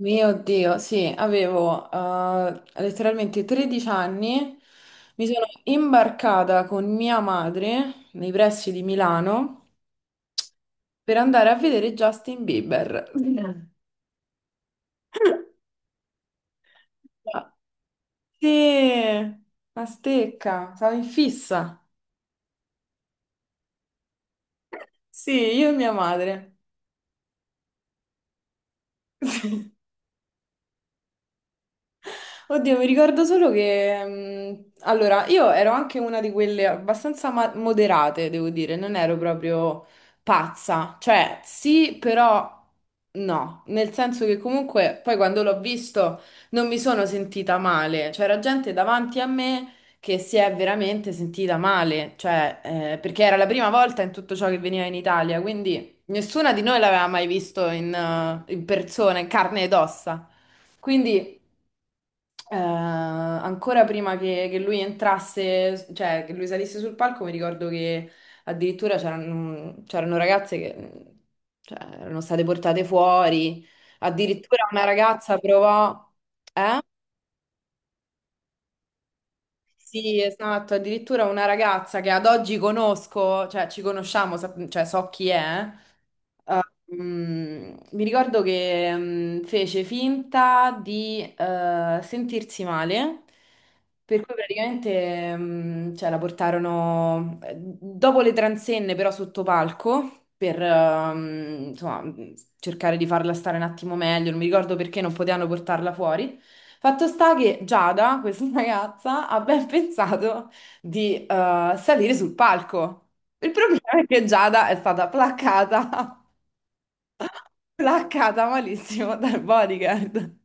Mio Dio, sì, avevo letteralmente 13 anni, mi sono imbarcata con mia madre nei pressi di Milano per andare a vedere Justin Bieber. Mm. Ma sì, una stecca, stavo in fissa. Sì, io e mia madre. Oddio, mi ricordo solo che... allora, io ero anche una di quelle abbastanza moderate, devo dire, non ero proprio pazza. Cioè, sì, però no. Nel senso che comunque poi quando l'ho visto non mi sono sentita male. C'era gente davanti a me che si è veramente sentita male. Cioè, perché era la prima volta in tutto ciò che veniva in Italia, quindi nessuna di noi l'aveva mai visto in persona, in carne ed ossa. Quindi... Ancora prima che lui entrasse, cioè che lui salisse sul palco, mi ricordo che addirittura c'erano ragazze che, cioè, erano state portate fuori. Addirittura una ragazza provò, eh? Sì, esatto. Addirittura una ragazza che ad oggi conosco, cioè ci conosciamo, cioè so chi è. Eh? Mi ricordo che fece finta di sentirsi male, per cui praticamente cioè, la portarono dopo le transenne, però sotto palco, per insomma, cercare di farla stare un attimo meglio. Non mi ricordo perché non potevano portarla fuori. Fatto sta che Giada, questa ragazza, ha ben pensato di salire sul palco. Il problema è che Giada è stata placcata placcata malissimo dal bodyguard.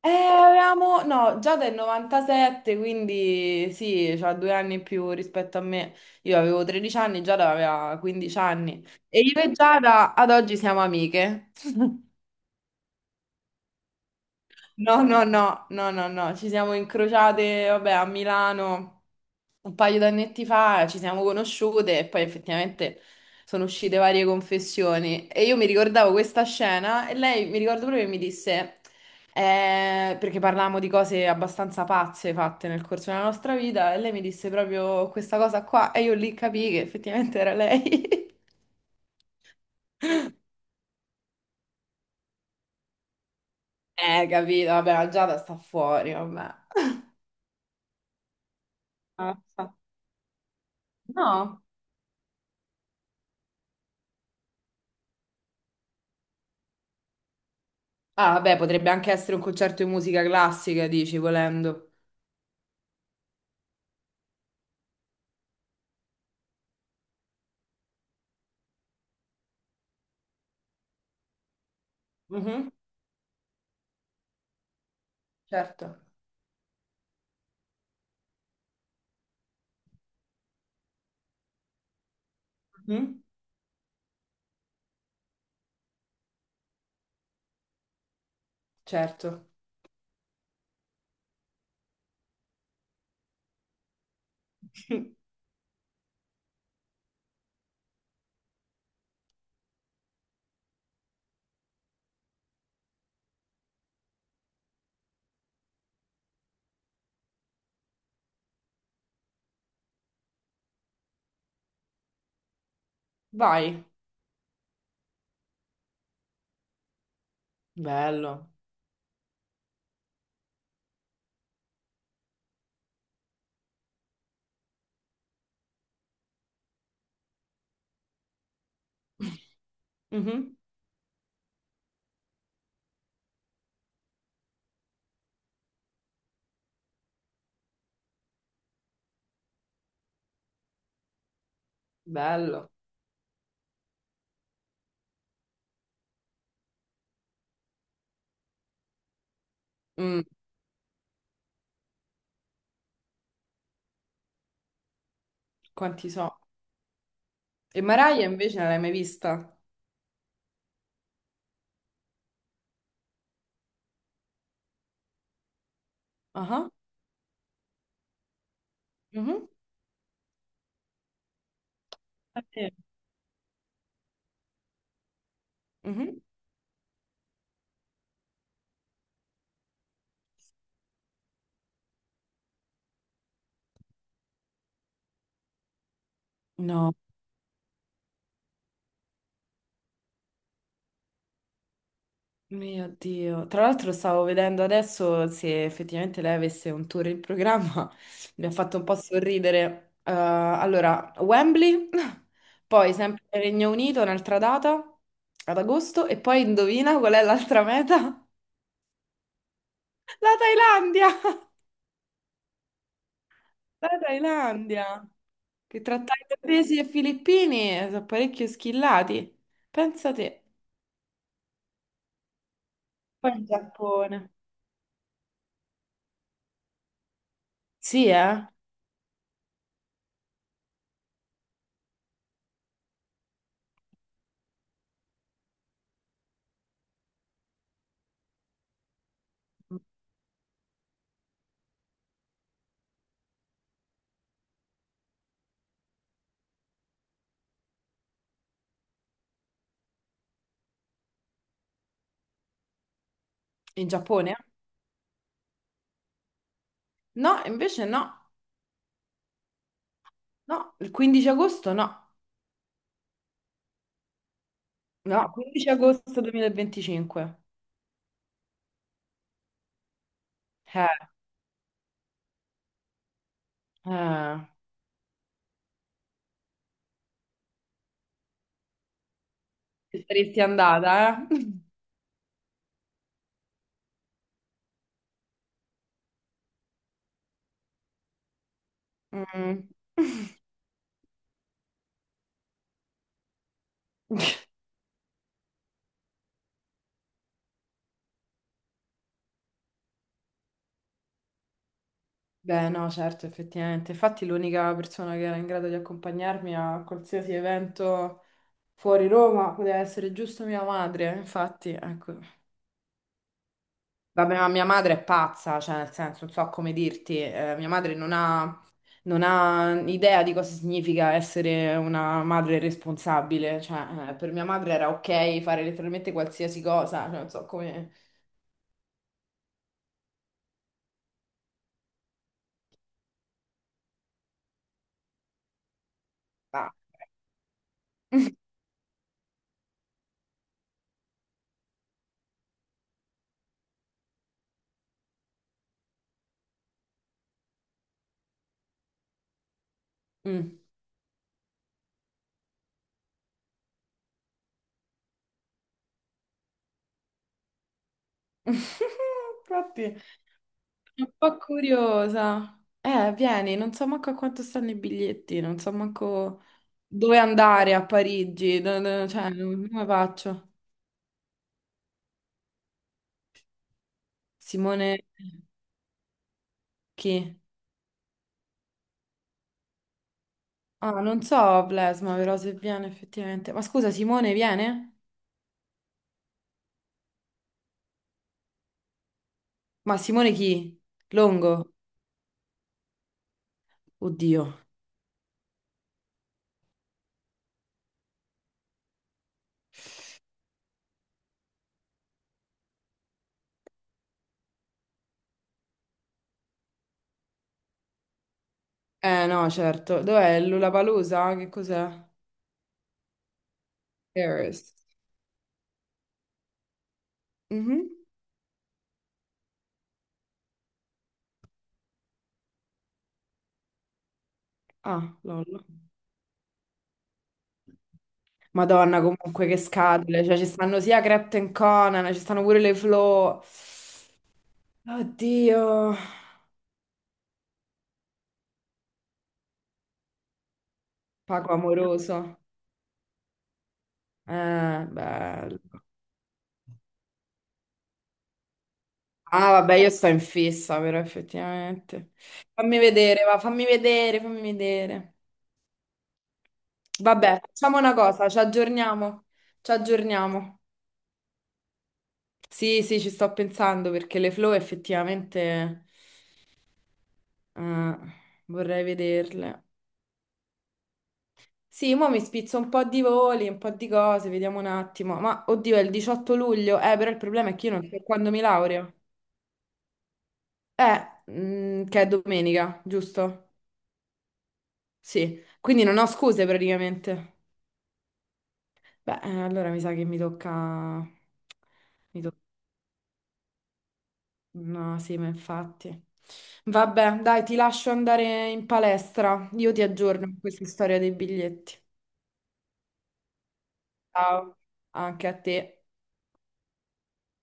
Avevamo, no, già del 97, quindi sì, c'ha due anni in più rispetto a me. Io avevo 13 anni, Giada aveva 15 anni. E io e Giada ad oggi siamo amiche. No, no, no, no, no, no, ci siamo incrociate, vabbè, a Milano un paio d'annetti fa, ci siamo conosciute e poi effettivamente sono uscite varie confessioni e io mi ricordavo questa scena e lei, mi ricordo proprio che mi disse, perché parlavamo di cose abbastanza pazze fatte nel corso della nostra vita e lei mi disse proprio questa cosa qua e io lì capii che effettivamente era lei. Capito, vabbè, la Giada sta fuori, vabbè. Mazza. No. Ah, beh, potrebbe anche essere un concerto di musica classica, dici, volendo. Mhm, certo. Mhm, certo. Vai. Bello. Mhm, bello. Mm, quanti so. E Mariah invece non l'hai mai vista? Ah, ah, mhm. Ah, sì. Mhm. No. Mio Dio, tra l'altro stavo vedendo adesso se effettivamente lei avesse un tour in programma, mi ha fatto un po' sorridere. Allora, Wembley, poi sempre Regno Unito, un'altra data ad agosto e poi indovina qual è l'altra meta? La Thailandia! La Thailandia! Che tra thailandesi e filippini sono parecchio schillati. Pensa te. Poi in Giappone. Sì, eh? In Giappone? No, invece no. No, il 15 agosto no, no, 15 agosto 2025. Eh, eh, ci saresti andata, eh? Mm. Beh, no, certo, effettivamente. Infatti l'unica persona che era in grado di accompagnarmi a qualsiasi evento fuori Roma poteva essere giusto mia madre, infatti, ecco. Vabbè, ma mia madre è pazza, cioè, nel senso, non so come dirti, mia madre non ha idea di cosa significa essere una madre responsabile. Cioè, per mia madre era ok fare letteralmente qualsiasi cosa, cioè, non so come... Ah. Mm. Infatti, sono un po' curiosa. Vieni, non so manco a quanto stanno i biglietti, non so manco dove andare a Parigi, cioè, come faccio? Simone, chi? Ah, non so, Blesma, però se viene effettivamente. Ma scusa, Simone viene? Ma Simone chi? Longo? Oddio. Eh no, certo. Dov'è? Lollapalooza? Che cos'è? Paris. Mhm. Ah, lol. Madonna, comunque che scatole. Cioè, ci stanno sia Crept and Conan, ci stanno pure le Flo. Oddio. Paco Amoroso. Bello. Ah, vabbè, io sto in fissa, però effettivamente. Fammi vedere, va, fammi vedere, fammi vedere. Vabbè, facciamo una cosa, ci aggiorniamo. Ci aggiorniamo. Sì, sì, ci sto pensando perché le flow effettivamente eh, vorrei vederle. Sì, mo mi spizzo un po' di voli, un po' di cose, vediamo un attimo. Ma oddio, è il 18 luglio, però il problema è che io non so quando mi laureo. Che è domenica, giusto? Sì, quindi non ho scuse praticamente. Beh, allora mi sa che mi tocca... Mi tocca... No, sì, ma infatti. Vabbè, dai, ti lascio andare in palestra. Io ti aggiorno con questa storia dei biglietti. Ciao, anche a te.